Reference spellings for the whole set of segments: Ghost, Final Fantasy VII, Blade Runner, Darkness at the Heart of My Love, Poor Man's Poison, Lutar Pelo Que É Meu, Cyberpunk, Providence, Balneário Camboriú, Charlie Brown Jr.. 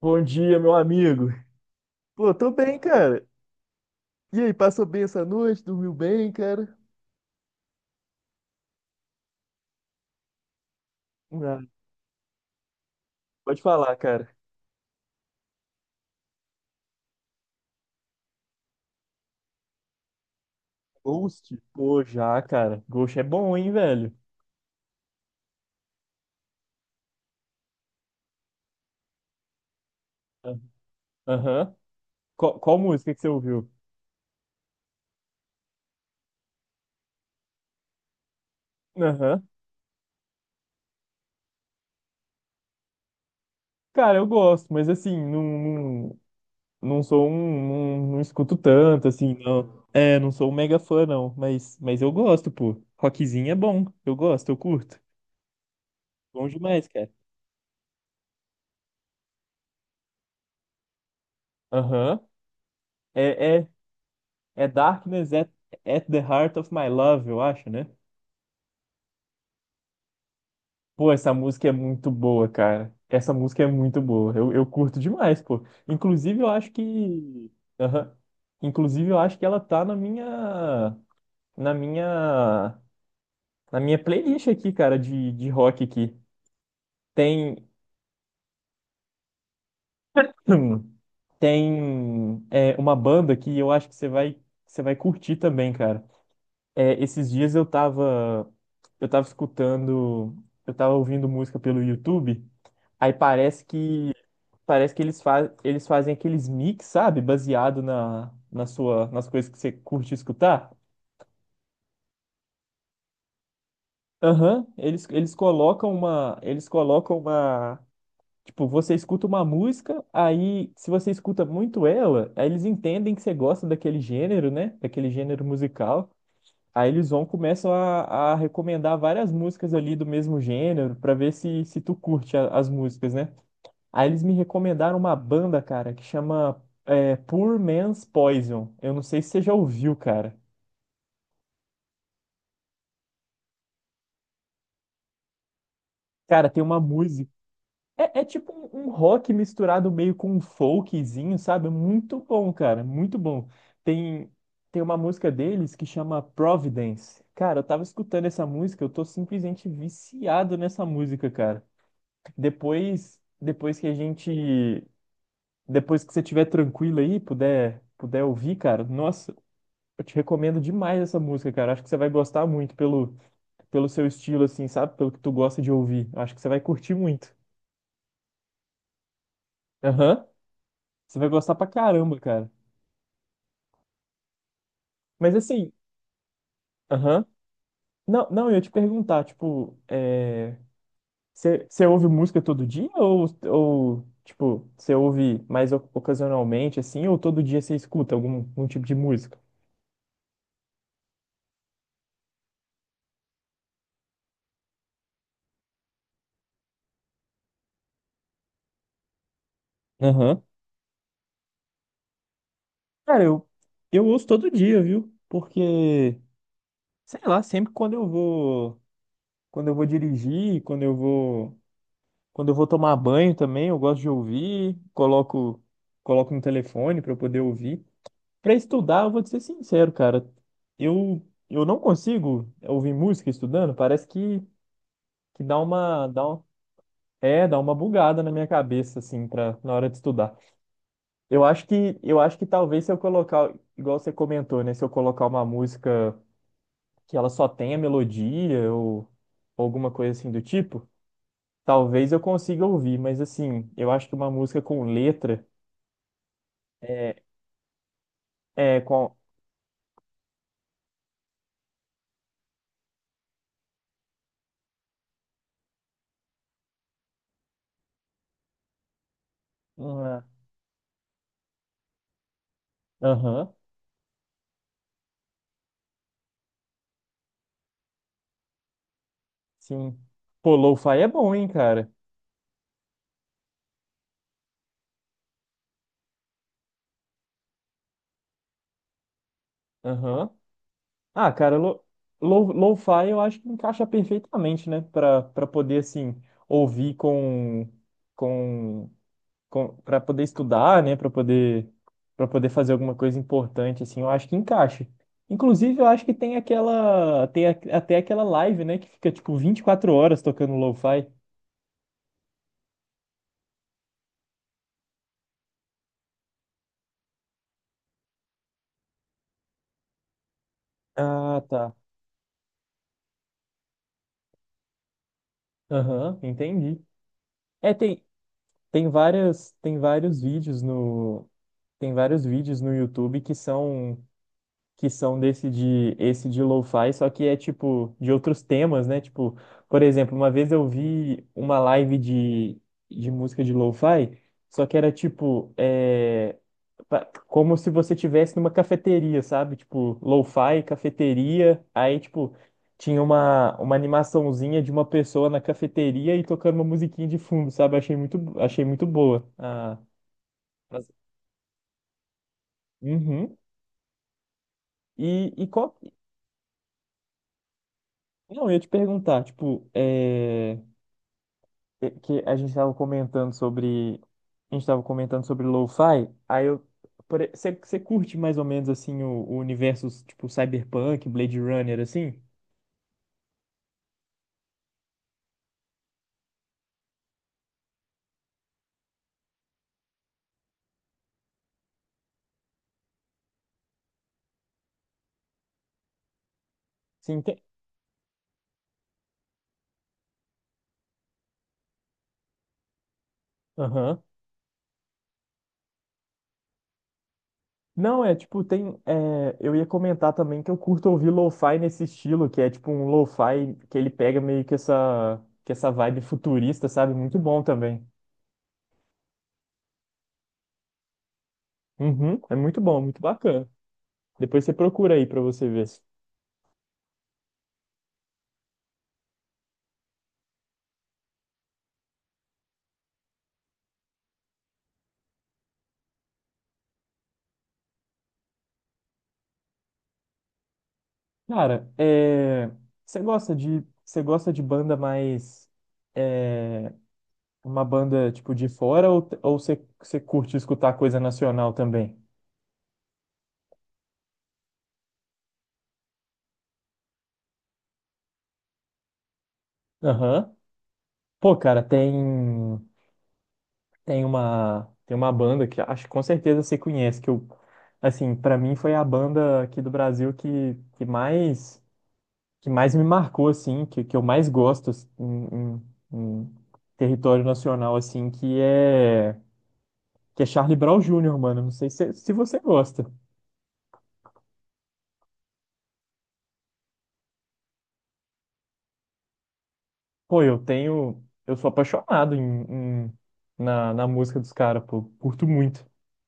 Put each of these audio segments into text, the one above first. Bom dia, meu amigo. Pô, tô bem, cara. E aí, passou bem essa noite? Dormiu bem, cara? Ah, pode falar, cara. Ghost? Pô, já, cara. Ghost é bom, hein, velho? Ah. Aham. Qual música que você ouviu? Aham. Cara, eu gosto, mas assim, não, não, não sou um. Não, não escuto tanto, assim, não. É, não sou um mega fã, não. Mas eu gosto, pô. Rockzinho é bom. Eu gosto, eu curto. Bom demais, cara. Aham. É, é É Darkness at the Heart of My Love, eu acho, né? Pô, essa música é muito boa, cara. Essa música é muito boa. Eu curto demais, pô. Inclusive, eu acho que. Aham. Inclusive, eu acho que ela tá Na minha. na minha playlist aqui, cara, de rock aqui. Tem. Tem uma banda que eu acho que você vai curtir também, cara. É, esses dias eu tava escutando, eu tava ouvindo música pelo YouTube, aí parece que eles fazem aqueles mix, sabe? Baseado nas coisas que você curte escutar. Aham, tipo, você escuta uma música, aí se você escuta muito ela, aí eles entendem que você gosta daquele gênero, né? Daquele gênero musical. Aí eles vão começam a recomendar várias músicas ali do mesmo gênero pra ver se tu curte as músicas, né? Aí eles me recomendaram uma banda, cara, que chama Poor Man's Poison. Eu não sei se você já ouviu, cara. Cara, tem uma música. É tipo um rock misturado meio com um folkzinho, sabe? Muito bom, cara, muito bom. Tem, tem uma música deles que chama Providence. Cara, eu tava escutando essa música, eu tô simplesmente viciado nessa música, cara. Depois, depois que a gente, depois que você estiver tranquilo aí, puder ouvir, cara, nossa, eu te recomendo demais essa música, cara. Acho que você vai gostar muito pelo seu estilo, assim, sabe? Pelo que tu gosta de ouvir. Acho que você vai curtir muito. Aham. Você vai gostar pra caramba, cara. Mas assim, aham. Não, não, eu ia te perguntar, tipo, você ouve música todo dia ou tipo, você ouve mais ocasionalmente, assim, ou todo dia você escuta algum tipo de música? Aham. Cara, eu ouço todo dia, viu? Porque, sei lá, sempre quando eu vou dirigir, quando eu vou tomar banho também, eu gosto de ouvir, coloco no telefone para eu poder ouvir. Para estudar, eu vou te ser sincero, cara. Eu não consigo ouvir música estudando, parece que dá uma, dá um- é, dá uma bugada na minha cabeça assim para na hora de estudar. Eu acho que talvez se eu colocar, igual você comentou, né, se eu colocar uma música que ela só tem a melodia ou alguma coisa assim do tipo, talvez eu consiga ouvir, mas assim, eu acho que uma música com letra é, é uma- Aham, sim. Pô, lo-fi é bom, hein, cara? Aham. Ah, cara, lo-fi eu acho que encaixa perfeitamente, né? Pra poder, assim, ouvir com. Com para poder estudar, né, para poder fazer alguma coisa importante assim, eu acho que encaixa. Inclusive, eu acho que tem até aquela live, né, que fica tipo 24 horas tocando lo-fi. Ah, tá. Aham, entendi. É, tem vários vídeos no YouTube que são desse de lo-fi, só que é tipo de outros temas, né? Tipo, por exemplo, uma vez eu vi uma live de música de lo-fi, só que era tipo como se você tivesse numa cafeteria, sabe? Tipo, lo-fi, cafeteria, aí tipo tinha uma animaçãozinha de uma pessoa na cafeteria e tocando uma musiquinha de fundo, sabe? Achei muito boa. Ah, mas- Uhum. E, e qual... Não, eu ia te perguntar, tipo, é que a gente estava comentando sobre a gente estava comentando sobre lo-fi, aí eu você curte mais ou menos assim o universo tipo Cyberpunk, Blade Runner assim? Sim, tem. Aham. Não, é tipo, eu ia comentar também que eu curto ouvir lo-fi nesse estilo, que é tipo um lo-fi que ele pega meio que essa vibe futurista, sabe? Muito bom também. Uhum, é muito bom, muito bacana. Depois você procura aí pra você ver. Cara, você gosta de banda mais é, uma banda tipo de fora ou você curte escutar coisa nacional também? Aham. Pô, cara, tem uma banda que acho que com certeza você conhece que eu assim, pra mim foi a banda aqui do Brasil que mais me marcou assim, que eu mais gosto assim, em- em território nacional assim, que é Charlie Brown Jr., mano. Não sei se você gosta. Pô, eu tenho. Eu sou apaixonado na música dos caras, pô. Curto muito.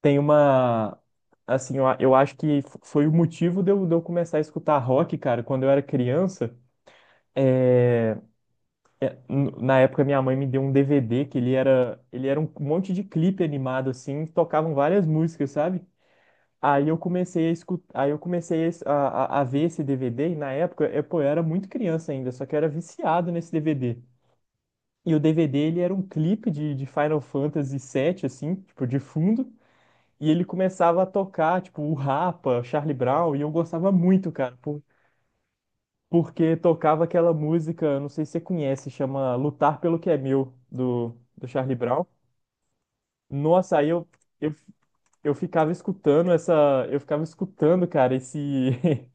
Tem uma. Assim, eu acho que foi o motivo de eu começar a escutar rock, cara, quando eu era criança. É, é, na época minha mãe me deu um DVD que ele era um monte de clipe animado assim, que tocavam várias músicas, sabe? Aí eu comecei a escutar, aí eu comecei a, es- a ver esse DVD, e na época, eu, pô, eu era muito criança ainda, só que eu era viciado nesse DVD. E o DVD, ele era um clipe de Final Fantasy VII, assim, tipo, de fundo, e ele começava a tocar, tipo, o Rapa, Charlie Brown, e eu gostava muito, cara, porque tocava aquela música, não sei se você conhece, chama Lutar Pelo Que É Meu, do Charlie Brown. Nossa, aí eu, eu ficava escutando essa, eu ficava escutando, cara, esse...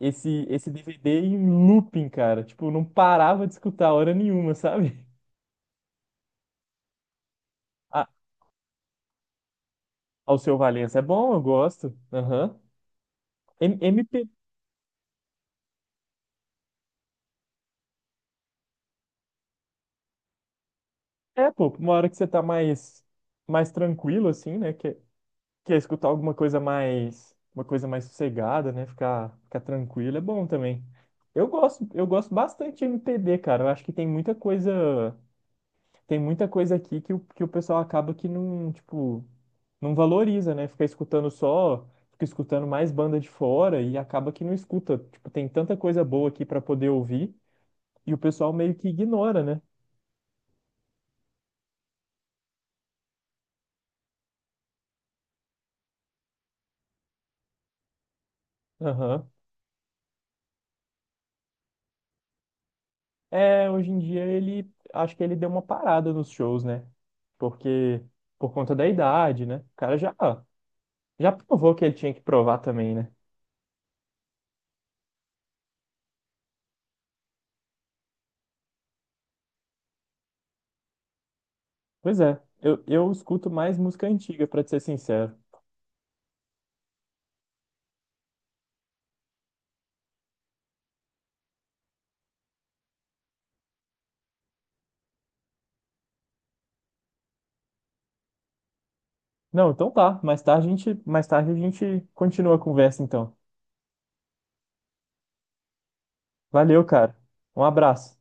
esse DVD em looping, cara. Tipo, não parava de escutar hora nenhuma, sabe? Ah, ao seu Valença é bom, eu gosto. Aham. M- MP, pô, uma hora que você tá mais tranquilo, assim, né? Quer escutar alguma coisa mais, uma coisa mais sossegada, né? Ficar tranquilo é bom também. Eu gosto bastante de MPB, cara. Eu acho que tem muita coisa aqui que o pessoal acaba que não, tipo, não valoriza, né? Fica escutando mais banda de fora e acaba que não escuta. Tipo, tem tanta coisa boa aqui pra poder ouvir e o pessoal meio que ignora, né? Aham. É, hoje em dia acho que ele deu uma parada nos shows, né? Porque, por conta da idade, né? O cara já provou que ele tinha que provar também, né? Pois é, eu escuto mais música antiga, pra te ser sincero. Não, então tá. Mais tarde a gente continua a conversa, então. Valeu, cara. Um abraço.